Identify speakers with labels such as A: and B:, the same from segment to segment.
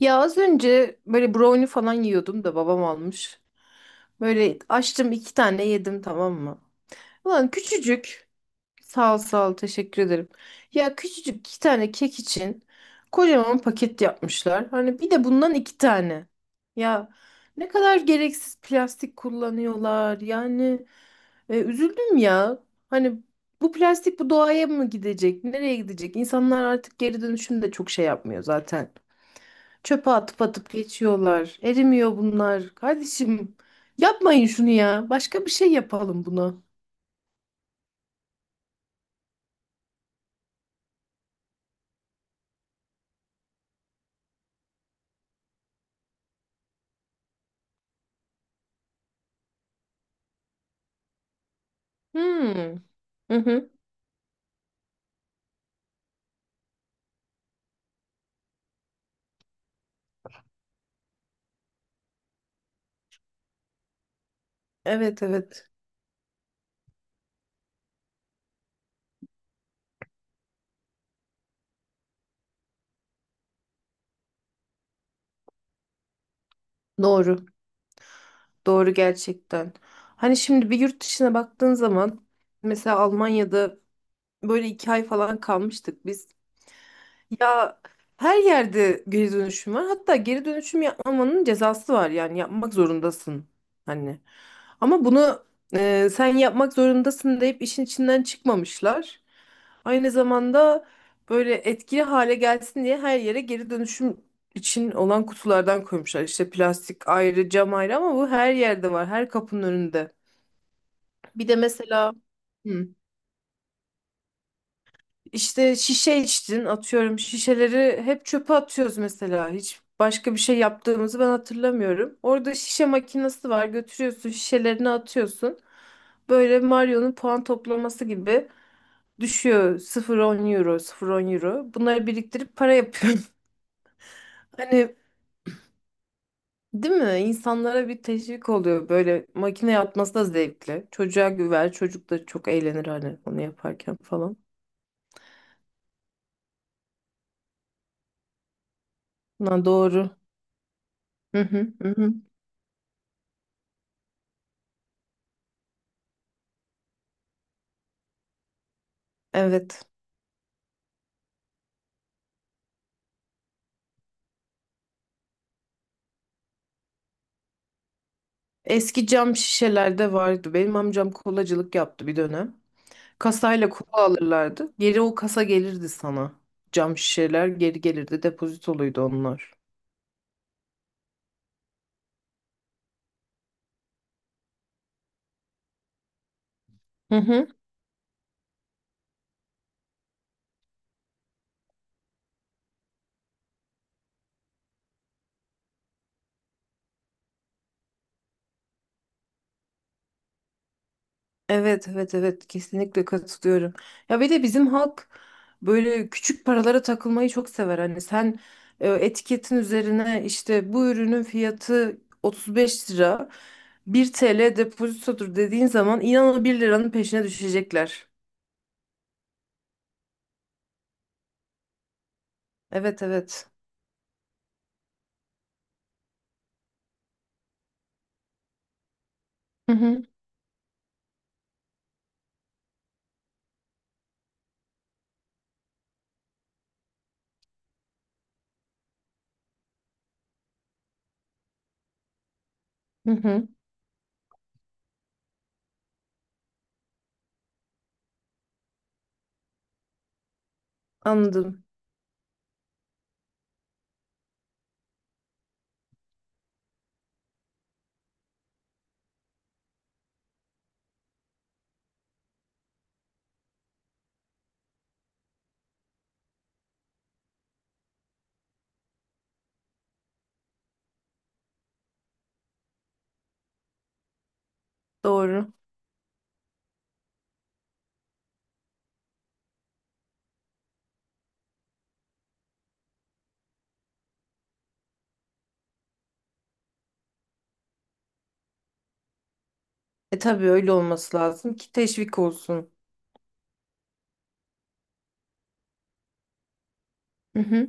A: Ya az önce böyle brownie falan yiyordum da babam almış. Böyle açtım iki tane yedim tamam mı? Ulan küçücük. Sağ ol sağ ol teşekkür ederim. Ya küçücük iki tane kek için kocaman paket yapmışlar. Hani bir de bundan iki tane. Ya ne kadar gereksiz plastik kullanıyorlar. Yani üzüldüm ya. Hani bu plastik bu doğaya mı gidecek? Nereye gidecek? İnsanlar artık geri dönüşüm de çok şey yapmıyor zaten. Çöpe atıp atıp geçiyorlar. Erimiyor bunlar. Kardeşim yapmayın şunu ya. Başka bir şey yapalım buna. Hmm. Hı hı. Evet evet. Doğru. Doğru gerçekten. Hani şimdi bir yurt dışına baktığın zaman mesela Almanya'da böyle 2 ay falan kalmıştık biz. Ya her yerde geri dönüşüm var. Hatta geri dönüşüm yapmamanın cezası var, yani yapmak zorundasın. Hani ama bunu sen yapmak zorundasın deyip işin içinden çıkmamışlar. Aynı zamanda böyle etkili hale gelsin diye her yere geri dönüşüm için olan kutulardan koymuşlar. İşte plastik ayrı, cam ayrı ama bu her yerde var, her kapının önünde. Bir de mesela. Hı. İşte şişe içtin, atıyorum şişeleri hep çöpe atıyoruz, mesela hiç başka bir şey yaptığımızı ben hatırlamıyorum. Orada şişe makinesi var, götürüyorsun şişelerini atıyorsun. Böyle Mario'nun puan toplaması gibi düşüyor, 0,10 euro, 0,10 euro, bunları biriktirip para yapıyorum. Hani değil mi? İnsanlara bir teşvik oluyor, böyle makine atması da zevkli. Çocuğa güver, çocuk da çok eğlenir hani onu yaparken falan. Ha, doğru. Hı hı, hı hı. Evet. Eski cam şişelerde vardı. Benim amcam kolacılık yaptı bir dönem. Kasayla kola alırlardı. Geri o kasa gelirdi sana. Cam şişeler geri gelirdi. Depozitoluydu onlar. Hı hı. Evet evet evet, kesinlikle katılıyorum. Ya bir de bizim halk böyle küçük paralara takılmayı çok sever. Hani sen etiketin üzerine işte bu ürünün fiyatı 35 lira 1 TL depozitodur dediğin zaman inanın bir liranın peşine düşecekler. Evet evet. Hı hı. Hı hı, anladım. Doğru. E tabii öyle olması lazım ki teşvik olsun. Hı hı.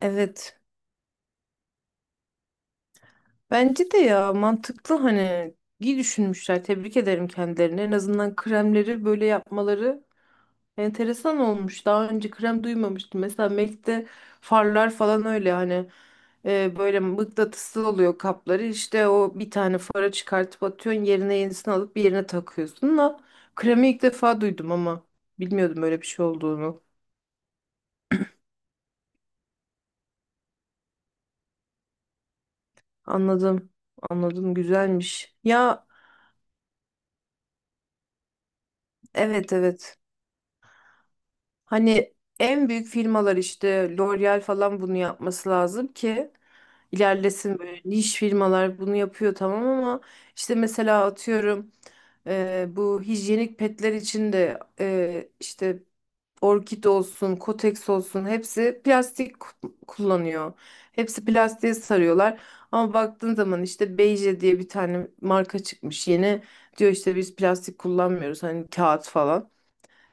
A: Evet. Bence de ya mantıklı, hani iyi düşünmüşler. Tebrik ederim kendilerini. En azından kremleri böyle yapmaları enteresan olmuş. Daha önce krem duymamıştım. Mesela Melk'te farlar falan öyle hani böyle mıknatıslı oluyor kapları. İşte o bir tane fara çıkartıp atıyorsun, yerine yenisini alıp bir yerine takıyorsun da kremi ilk defa duydum ama bilmiyordum böyle bir şey olduğunu. Anladım. Anladım. Güzelmiş. Ya evet evet. Hani en büyük firmalar işte L'Oreal falan bunu yapması lazım ki ilerlesin, böyle niş firmalar bunu yapıyor tamam ama işte mesela atıyorum bu hijyenik petler için de işte Orkid olsun, Kotex olsun hepsi plastik kullanıyor. Hepsi plastiğe sarıyorlar. Ama baktığın zaman işte Beije diye bir tane marka çıkmış yeni. Diyor işte biz plastik kullanmıyoruz, hani kağıt falan.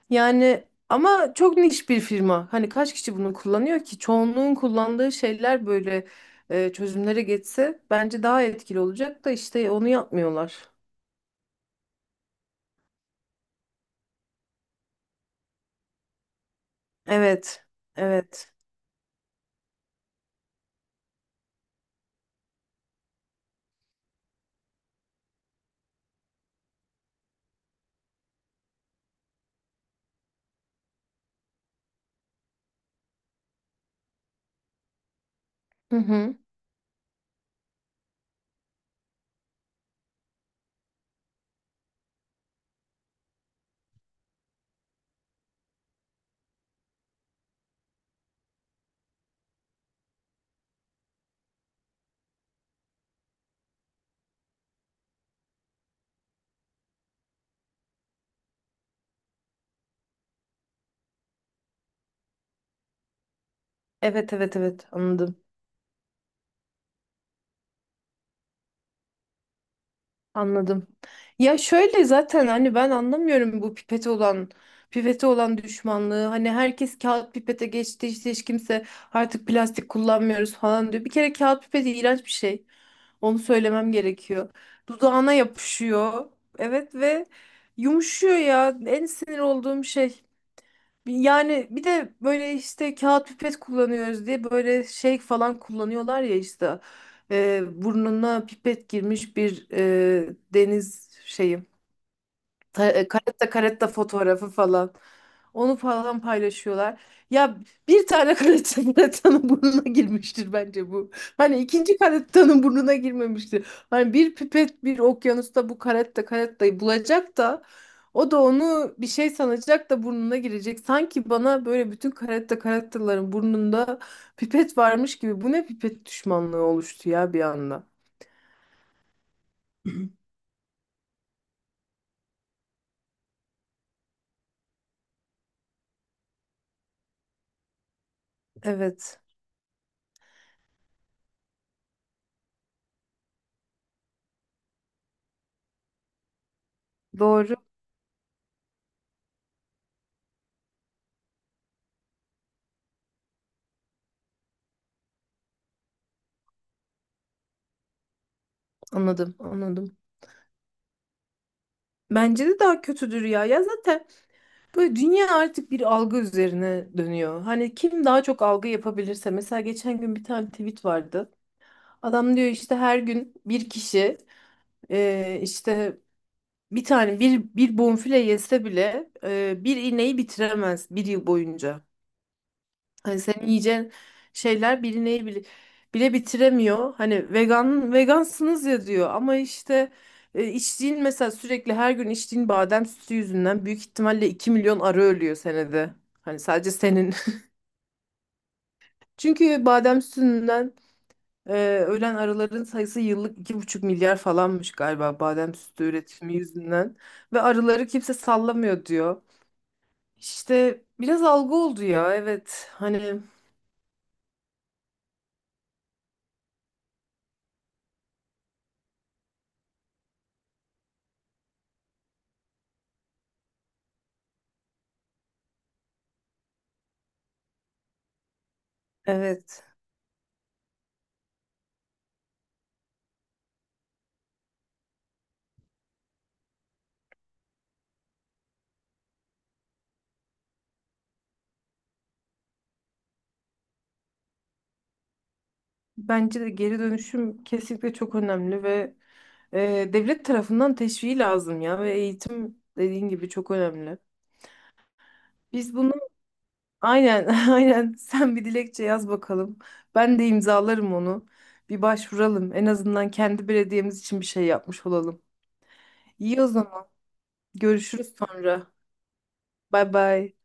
A: Yani ama çok niş bir firma. Hani kaç kişi bunu kullanıyor ki? Çoğunluğun kullandığı şeyler böyle çözümlere geçse bence daha etkili olacak da işte onu yapmıyorlar. Evet. Evet. Hı hı. Evet evet evet, anladım. Anladım. Ya şöyle zaten hani ben anlamıyorum bu pipete olan düşmanlığı. Hani herkes kağıt pipete geçti, işte hiç kimse artık plastik kullanmıyoruz falan diyor. Bir kere kağıt pipeti iğrenç bir şey. Onu söylemem gerekiyor. Dudağına yapışıyor. Evet ve yumuşuyor ya. En sinir olduğum şey. Yani bir de böyle işte kağıt pipet kullanıyoruz diye böyle şey falan kullanıyorlar ya işte burnuna pipet girmiş bir deniz şeyi, karetta karetta fotoğrafı falan. Onu falan paylaşıyorlar. Ya bir tane karetta karettanın burnuna girmiştir bence bu. Hani ikinci karettanın burnuna girmemiştir. Hani bir pipet bir okyanusta bu karetta karettayı bulacak da o da onu bir şey sanacak da burnuna girecek. Sanki bana böyle bütün karetta karettaların burnunda pipet varmış gibi. Bu ne pipet düşmanlığı oluştu ya bir anda. Evet. Doğru. Anladım, anladım. Bence de daha kötüdür ya. Ya zaten böyle dünya artık bir algı üzerine dönüyor. Hani kim daha çok algı yapabilirse. Mesela geçen gün bir tane tweet vardı. Adam diyor işte her gün bir kişi işte bir tane bir bonfile yese bile bir ineği bitiremez bir yıl boyunca. Hani senin yiyeceğin şeyler bilineyi bile bitiremiyor. Hani vegan vegansınız ya diyor ama işte içtiğin mesela sürekli her gün içtiğin badem sütü yüzünden büyük ihtimalle 2 milyon arı ölüyor senede. Hani sadece senin. Çünkü badem sütünden e, ölen arıların sayısı yıllık 2,5 milyar falanmış galiba, badem sütü üretimi yüzünden. Ve arıları kimse sallamıyor diyor. İşte biraz algı oldu ya, evet. Hani evet. Bence de geri dönüşüm kesinlikle çok önemli ve devlet tarafından teşviği lazım ya, ve eğitim dediğin gibi çok önemli. Biz bunu aynen aynen sen bir dilekçe yaz bakalım. Ben de imzalarım onu. Bir başvuralım. En azından kendi belediyemiz için bir şey yapmış olalım. İyi o zaman. Görüşürüz sonra. Bay bay.